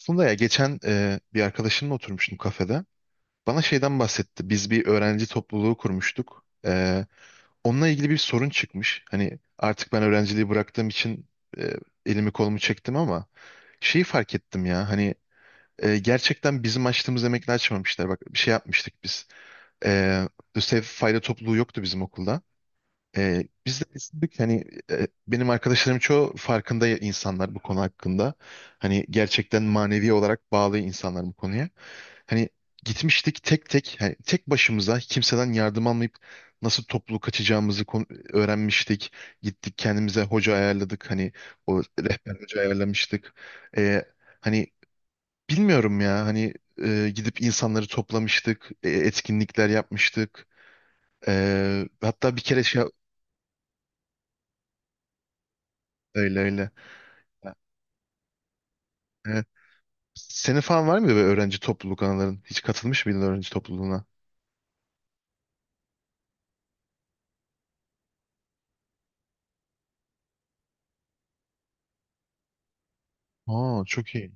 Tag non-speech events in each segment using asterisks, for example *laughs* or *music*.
Aslında ya geçen bir arkadaşımla oturmuştum kafede. Bana şeyden bahsetti. Biz bir öğrenci topluluğu kurmuştuk. Onunla ilgili bir sorun çıkmış. Hani artık ben öğrenciliği bıraktığım için e, elimi kolumu çektim ama şeyi fark ettim ya. Hani gerçekten bizim açtığımız emekle açmamışlar. Bak bir şey yapmıştık biz. E, Lösev fayda topluluğu yoktu bizim okulda. Biz de düşündük hani benim arkadaşlarım çoğu farkında. İnsanlar bu konu hakkında. Hani gerçekten manevi olarak bağlı insanlar bu konuya. Hani gitmiştik tek tek hani tek başımıza kimseden yardım almayıp nasıl toplu kaçacağımızı öğrenmiştik. Gittik kendimize hoca ayarladık hani o rehber hoca ayarlamıştık. Ee, Hani bilmiyorum ya hani gidip insanları toplamıştık, etkinlikler yapmıştık. Hatta bir kere şey öyle öyle. Evet. Senin falan var mıydı böyle öğrenci topluluk anıların? Hiç katılmış mıydın öğrenci topluluğuna? Aa çok iyi.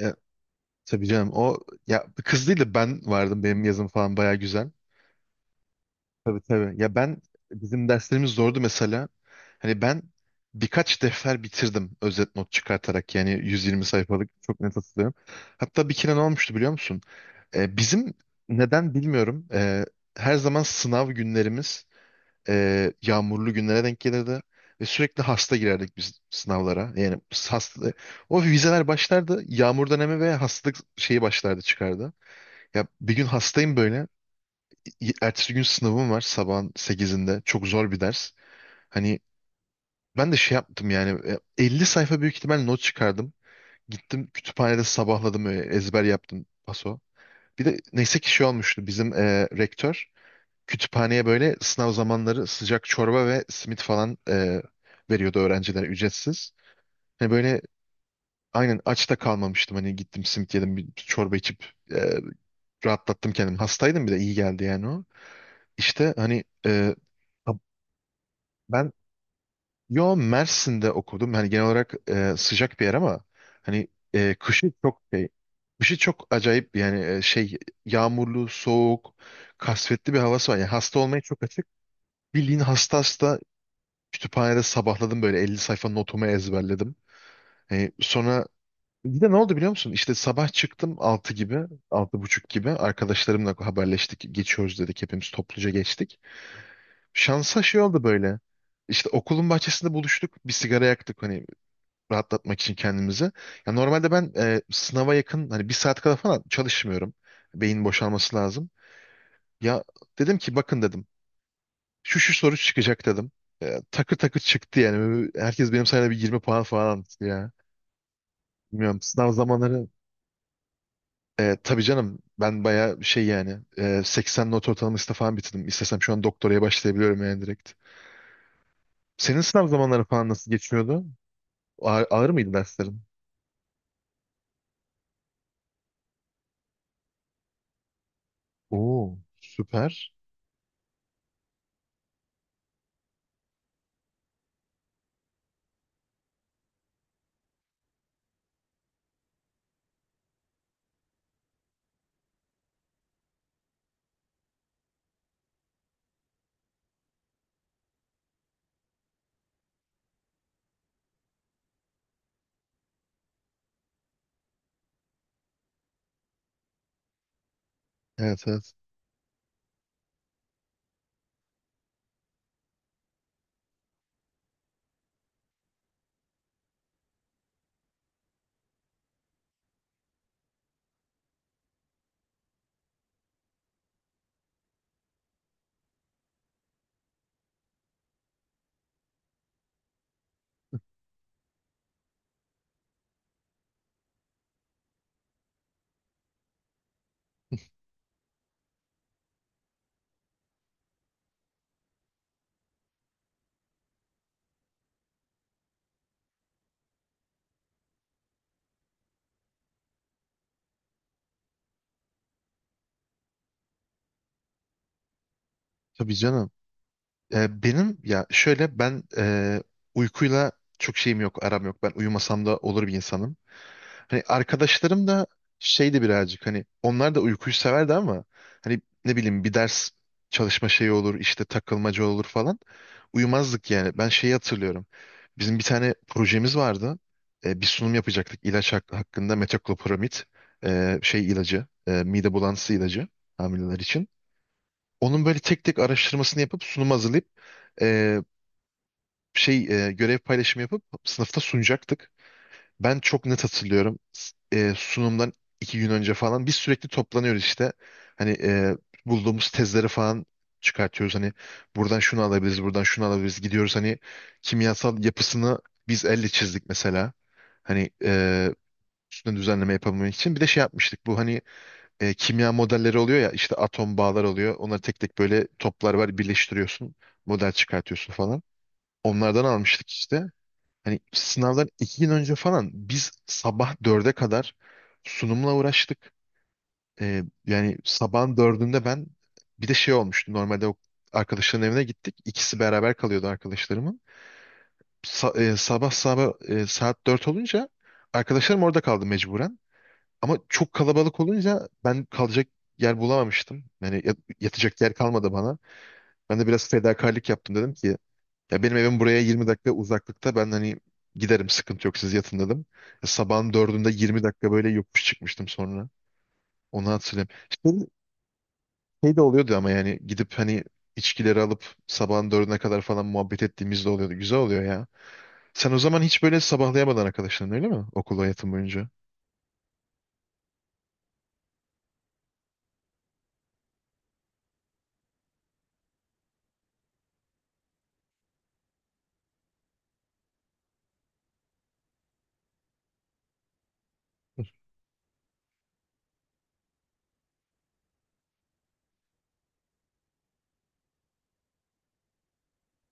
E, tabii canım o ya kız değil de ben vardım. Benim yazım falan baya güzel. Tabii tabii. Ya ben bizim derslerimiz zordu mesela. Hani ben birkaç defter bitirdim özet not çıkartarak yani 120 sayfalık çok net hatırlıyorum. Hatta bir kere ne olmuştu biliyor musun? Bizim neden bilmiyorum. Her zaman sınav günlerimiz yağmurlu günlere denk gelirdi. Ve sürekli hasta girerdik biz sınavlara. Yani hasta, o vizeler başlardı. Yağmur dönemi ve hastalık şeyi başlardı çıkardı. Ya bir gün hastayım böyle. Ertesi gün sınavım var sabahın 8'inde. Çok zor bir ders. Hani ben de şey yaptım yani 50 sayfa büyük ihtimal not çıkardım. Gittim kütüphanede sabahladım ezber yaptım paso. Bir de neyse ki şey olmuştu bizim rektör kütüphaneye böyle sınav zamanları sıcak çorba ve simit falan veriyordu öğrencilere ücretsiz. Hani böyle aynen aç da kalmamıştım. Hani gittim simit yedim bir çorba içip rahatlattım kendimi. Hastaydım bir de iyi geldi yani o. İşte hani ben yo Mersin'de okudum. Hani genel olarak sıcak bir yer ama hani kışı çok şey, kışı çok acayip yani şey yağmurlu, soğuk, kasvetli bir havası var. Yani hasta olmaya çok açık. Bildiğin hasta hasta. Kütüphanede sabahladım böyle 50 sayfa notumu ezberledim. Sonra bir de ne oldu biliyor musun? İşte sabah çıktım 6 gibi, 6:30 gibi arkadaşlarımla haberleştik. Geçiyoruz dedik hepimiz topluca geçtik. Şansa şey oldu böyle. İşte okulun bahçesinde buluştuk. Bir sigara yaktık hani rahatlatmak için kendimizi. Ya normalde ben sınava yakın hani bir saat kadar falan çalışmıyorum. Beyin boşalması lazım. Ya dedim ki bakın dedim. Şu şu soru çıkacak dedim. Takır takır çıktı yani. Herkes benim sayemde bir 20 puan falan almıştı ya. Bilmiyorum sınav zamanları tabii canım ben bayağı şey yani 80 not ortalamasıyla falan bitirdim. İstesem şu an doktoraya başlayabiliyorum yani direkt. Senin sınav zamanları falan nasıl geçmiyordu? Ağır, ağır mıydı derslerin? Oo süper. Evet evet. Tabii canım. Benim ya şöyle ben uykuyla çok şeyim yok aram yok. Ben uyumasam da olur bir insanım. Hani arkadaşlarım da şeydi birazcık hani onlar da uykuyu severdi ama hani ne bileyim bir ders çalışma şeyi olur işte takılmaca olur falan. Uyumazdık yani. Ben şeyi hatırlıyorum. Bizim bir tane projemiz vardı. Bir sunum yapacaktık ilaç hakkında metoclopramid şey ilacı mide bulantısı ilacı hamileler için. Onun böyle tek tek araştırmasını yapıp sunum hazırlayıp e, şey görev paylaşımı yapıp sınıfta sunacaktık. Ben çok net hatırlıyorum. Sunumdan 2 gün önce falan biz sürekli toplanıyoruz işte. Hani bulduğumuz tezleri falan çıkartıyoruz. Hani buradan şunu alabiliriz, buradan şunu alabiliriz. Gidiyoruz hani kimyasal yapısını biz elle çizdik mesela. Hani üstüne düzenleme yapabilmek için. Bir de şey yapmıştık. Bu hani kimya modelleri oluyor ya işte atom bağlar oluyor. Onları tek tek böyle toplar var birleştiriyorsun. Model çıkartıyorsun falan. Onlardan almıştık işte. Hani sınavdan 2 gün önce falan biz sabah 4'e kadar sunumla uğraştık. Yani sabahın 4'ünde ben bir de şey olmuştu. Normalde o arkadaşların evine gittik. İkisi beraber kalıyordu arkadaşlarımın. Sabah sabah saat 4 olunca arkadaşlarım orada kaldı mecburen. Ama çok kalabalık olunca ben kalacak yer bulamamıştım. Yani yatacak yer kalmadı bana. Ben de biraz fedakarlık yaptım dedim ki ya benim evim buraya 20 dakika uzaklıkta. Ben hani giderim sıkıntı yok siz yatın dedim. Ya sabahın 4'ünde 20 dakika böyle yokuş çıkmıştım sonra. Onu hatırlıyorum. Şey, Şey de oluyordu ama yani gidip hani içkileri alıp sabahın 4'üne kadar falan muhabbet ettiğimiz de oluyordu. Güzel oluyor ya. Sen o zaman hiç böyle sabahlayamadın arkadaşların öyle mi? Okul hayatın boyunca.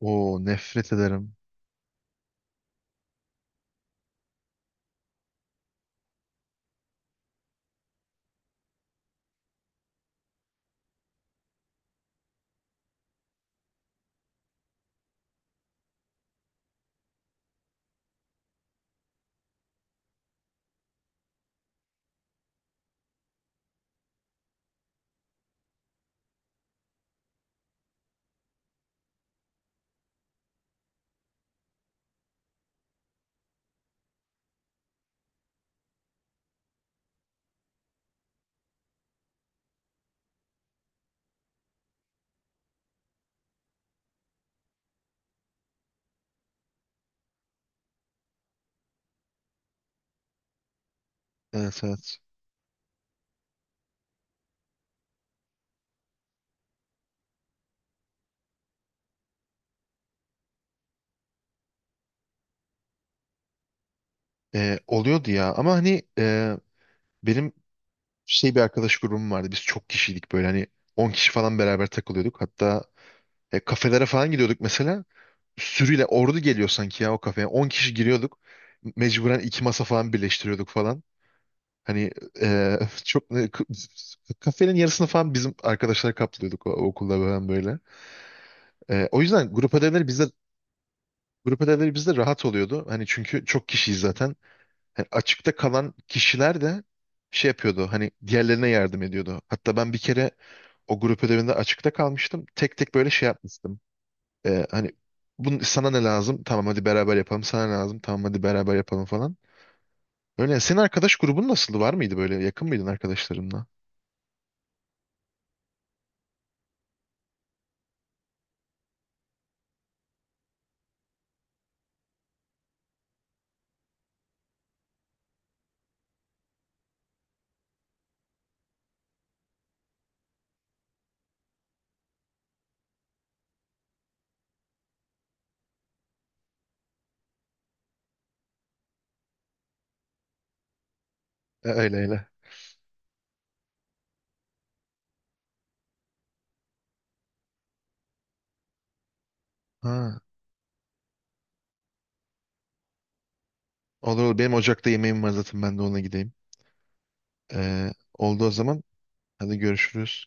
Oo nefret ederim. Evet evet. Oluyordu ya ama hani benim şey bir arkadaş grubum vardı. Biz çok kişiydik böyle hani 10 kişi falan beraber takılıyorduk. Hatta kafelere falan gidiyorduk mesela. Sürüyle ordu geliyor sanki ya o kafeye. 10 kişi giriyorduk. Mecburen iki masa falan birleştiriyorduk falan. Hani e, *laughs* çok kafenin yarısını falan bizim arkadaşlar kaplıyorduk o, okulda falan böyle. O yüzden grup ödevleri bizde rahat oluyordu. Hani çünkü çok kişiyiz zaten. Yani açıkta kalan kişiler de şey yapıyordu. Hani diğerlerine yardım ediyordu. Hatta ben bir kere o grup ödevinde açıkta kalmıştım. Tek tek böyle şey yapmıştım. Hani bunun sana ne lazım? Tamam hadi beraber yapalım. Sana ne lazım? Tamam hadi beraber yapalım falan. Öyle. Senin arkadaş grubun nasıldı? Var mıydı böyle? Yakın mıydın arkadaşlarınla? Öyle öyle. Ha, olur olur. Benim ocakta yemeğim var zaten. Ben de ona gideyim. Ee, Oldu o zaman. Hadi görüşürüz.